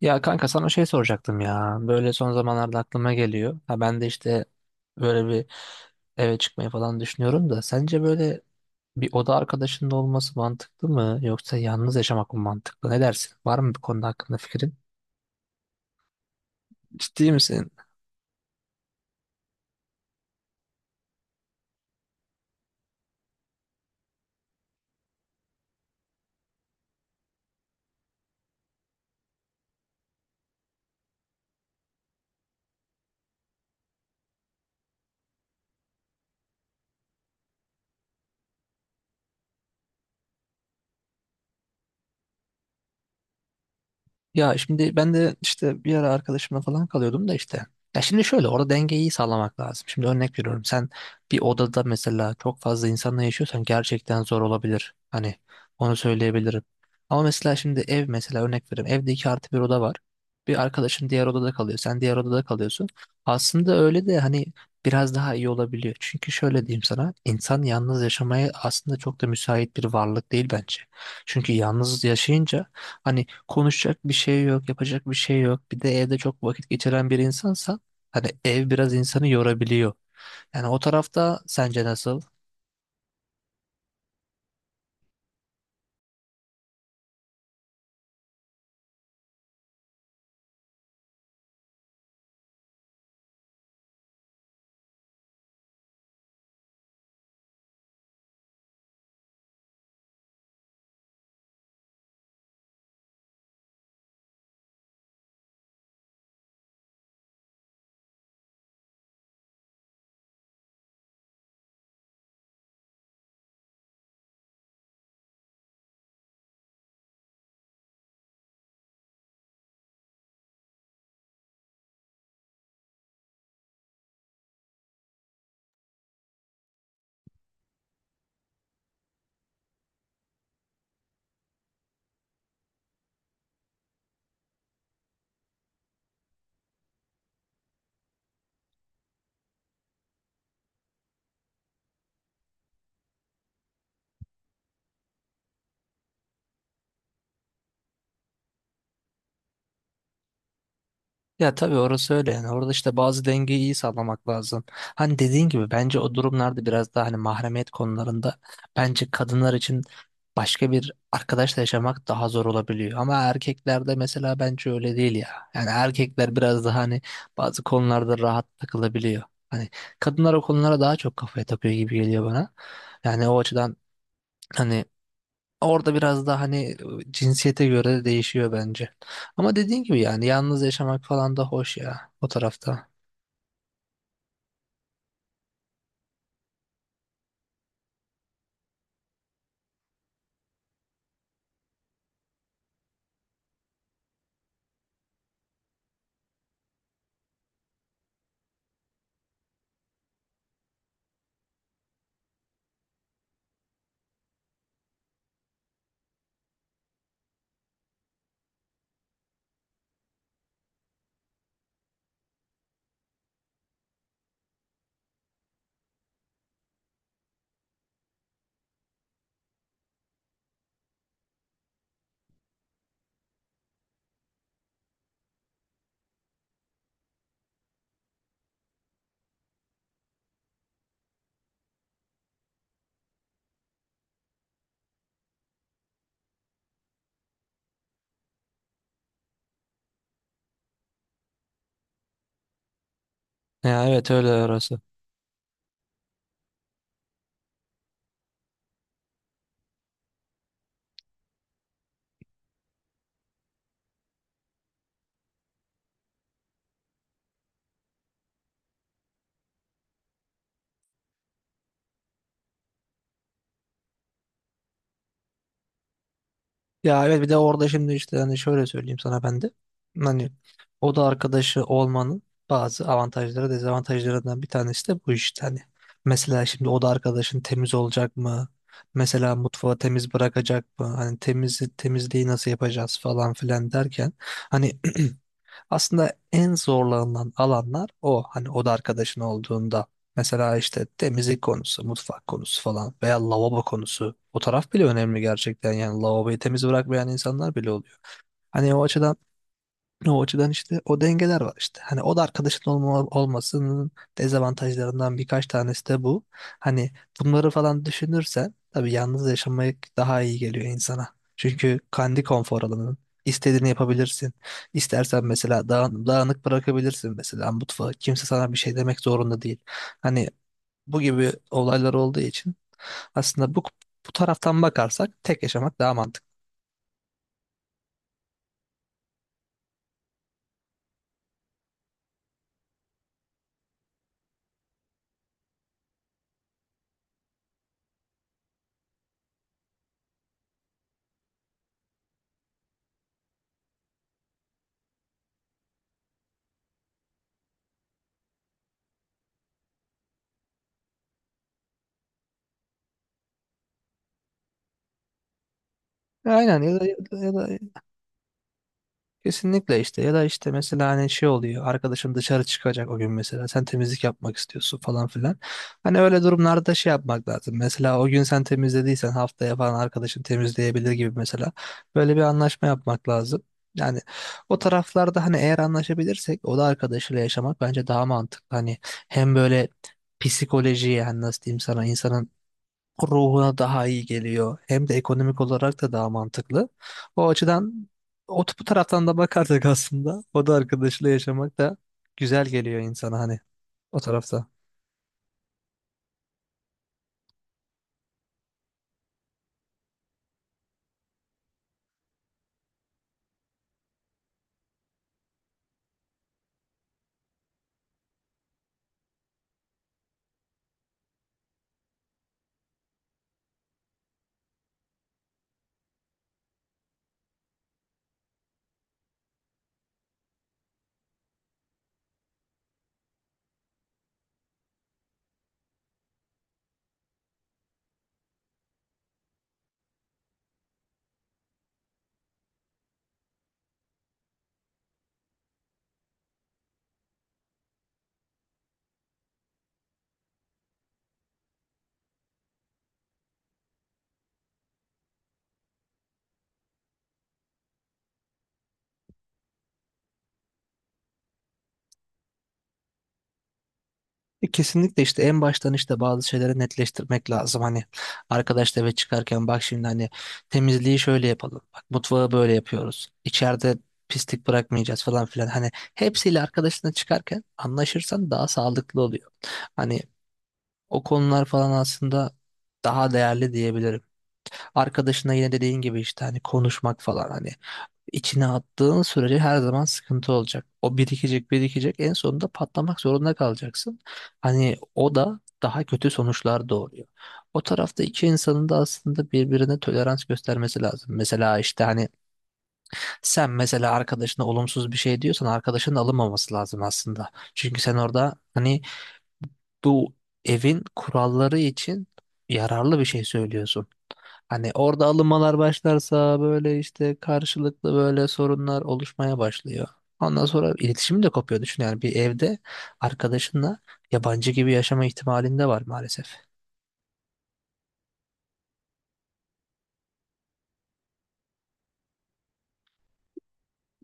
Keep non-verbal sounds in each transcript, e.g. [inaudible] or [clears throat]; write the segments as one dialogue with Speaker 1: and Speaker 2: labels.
Speaker 1: Ya kanka sana şey soracaktım ya. Böyle son zamanlarda aklıma geliyor. Ha ben de işte böyle bir eve çıkmayı falan düşünüyorum da sence böyle bir oda arkadaşının olması mantıklı mı yoksa yalnız yaşamak mı mantıklı? Ne dersin? Var mı bir konuda hakkında fikrin? Ciddi misin? Ya şimdi ben de işte bir ara arkadaşımla falan kalıyordum da işte. Ya şimdi şöyle orada dengeyi sağlamak lazım. Şimdi örnek veriyorum, sen bir odada mesela çok fazla insanla yaşıyorsan gerçekten zor olabilir. Hani onu söyleyebilirim. Ama mesela şimdi ev, mesela örnek veriyorum, evde 2+1 oda var. Bir arkadaşın diğer odada kalıyor, sen diğer odada kalıyorsun. Aslında öyle de hani biraz daha iyi olabiliyor. Çünkü şöyle diyeyim sana, insan yalnız yaşamaya aslında çok da müsait bir varlık değil bence. Çünkü yalnız yaşayınca, hani, konuşacak bir şey yok, yapacak bir şey yok. Bir de evde çok vakit geçiren bir insansan hani ev biraz insanı yorabiliyor. Yani o tarafta sence nasıl? Ya tabii orası öyle, yani orada işte bazı dengeyi iyi sağlamak lazım. Hani dediğin gibi bence o durumlarda biraz daha hani mahremiyet konularında, bence kadınlar için başka bir arkadaşla yaşamak daha zor olabiliyor. Ama erkeklerde mesela bence öyle değil ya. Yani erkekler biraz daha hani bazı konularda rahat takılabiliyor. Hani kadınlar o konulara daha çok kafaya takıyor gibi geliyor bana. Yani o açıdan hani orada biraz daha hani cinsiyete göre de değişiyor bence. Ama dediğin gibi yani yalnız yaşamak falan da hoş ya o tarafta. Ya evet, öyle orası. Ya evet, bir de orada şimdi işte hani şöyle söyleyeyim sana ben de. Hani oda arkadaşı olmanın bazı avantajları, dezavantajlarından bir tanesi de bu işte hani. Mesela şimdi oda arkadaşın temiz olacak mı? Mesela mutfağı temiz bırakacak mı? Hani temiz temizliği nasıl yapacağız falan filan derken hani [clears throat] aslında en zorlanılan alanlar o. Hani oda arkadaşın olduğunda. Mesela işte temizlik konusu, mutfak konusu falan veya lavabo konusu. O taraf bile önemli gerçekten. Yani lavaboyu temiz bırakmayan insanlar bile oluyor. Hani o açıdan işte o dengeler var işte. Hani o da arkadaşın olmasının dezavantajlarından birkaç tanesi de bu. Hani bunları falan düşünürsen tabii yalnız yaşamak daha iyi geliyor insana. Çünkü kendi konfor alanının istediğini yapabilirsin. İstersen mesela dağınık bırakabilirsin mesela mutfağı. Kimse sana bir şey demek zorunda değil. Hani bu gibi olaylar olduğu için aslında bu taraftan bakarsak tek yaşamak daha mantıklı. Aynen, ya da kesinlikle işte, ya da işte mesela hani şey oluyor, arkadaşın dışarı çıkacak o gün, mesela sen temizlik yapmak istiyorsun falan filan. Hani öyle durumlarda şey yapmak lazım, mesela o gün sen temizlediysen haftaya falan arkadaşın temizleyebilir gibi mesela, böyle bir anlaşma yapmak lazım. Yani o taraflarda hani eğer anlaşabilirsek o da arkadaşıyla yaşamak bence daha mantıklı. Hani hem böyle psikolojiye, hani nasıl diyeyim sana, insanın ruhuna daha iyi geliyor. Hem de ekonomik olarak da daha mantıklı. O açıdan, o bu taraftan da bakarsak [laughs] aslında o da arkadaşıyla yaşamak da güzel geliyor insana hani o tarafta. Kesinlikle işte en baştan işte bazı şeyleri netleştirmek lazım. Hani arkadaşla eve çıkarken bak, şimdi hani temizliği şöyle yapalım, bak mutfağı böyle yapıyoruz, içeride pislik bırakmayacağız falan filan, hani hepsiyle arkadaşına çıkarken anlaşırsan daha sağlıklı oluyor. Hani o konular falan aslında daha değerli diyebilirim. Arkadaşına yine dediğin gibi işte hani konuşmak falan, hani içine attığın sürece her zaman sıkıntı olacak. O birikecek birikecek, en sonunda patlamak zorunda kalacaksın. Hani o da daha kötü sonuçlar doğuruyor. O tarafta iki insanın da aslında birbirine tolerans göstermesi lazım. Mesela işte hani sen mesela arkadaşına olumsuz bir şey diyorsan, arkadaşının alınmaması lazım aslında. Çünkü sen orada hani bu evin kuralları için yararlı bir şey söylüyorsun. Hani orada alınmalar başlarsa böyle işte karşılıklı böyle sorunlar oluşmaya başlıyor. Ondan sonra iletişim de kopuyor. Düşün, yani bir evde arkadaşınla yabancı gibi yaşama ihtimalinde var maalesef.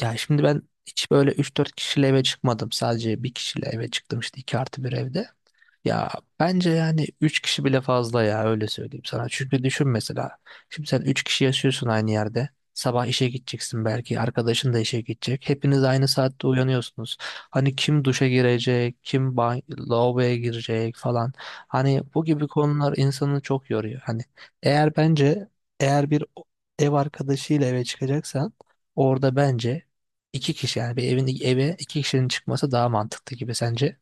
Speaker 1: Ya şimdi ben hiç böyle üç dört kişiyle eve çıkmadım. Sadece bir kişiyle eve çıktım işte 2+1 evde. Ya bence yani 3 kişi bile fazla ya, öyle söyleyeyim sana. Çünkü düşün mesela. Şimdi sen 3 kişi yaşıyorsun aynı yerde. Sabah işe gideceksin belki. Arkadaşın da işe gidecek. Hepiniz aynı saatte uyanıyorsunuz. Hani kim duşa girecek, kim lavaboya girecek falan. Hani bu gibi konular insanı çok yoruyor. Hani eğer bence eğer ev arkadaşıyla eve çıkacaksan orada bence iki kişi, yani bir evin eve iki kişinin çıkması daha mantıklı gibi, sence?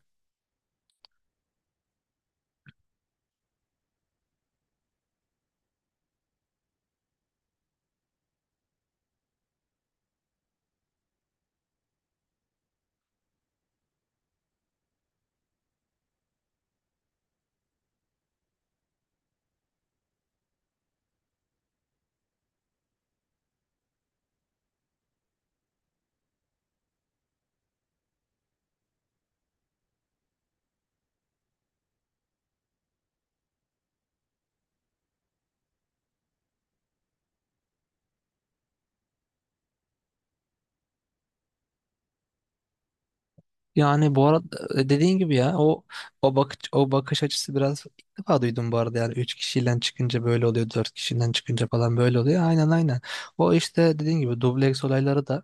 Speaker 1: Yani bu arada dediğin gibi ya o bakış açısı, biraz ilk defa duydum bu arada, yani 3 kişiden çıkınca böyle oluyor, 4 kişiden çıkınca falan böyle oluyor, aynen aynen. O işte dediğin gibi dubleks olayları da,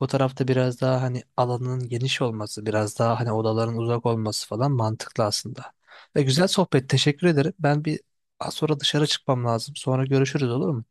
Speaker 1: o tarafta biraz daha hani alanın geniş olması, biraz daha hani odaların uzak olması falan mantıklı aslında, ve güzel sohbet, teşekkür ederim. Ben bir az sonra dışarı çıkmam lazım, sonra görüşürüz, olur mu?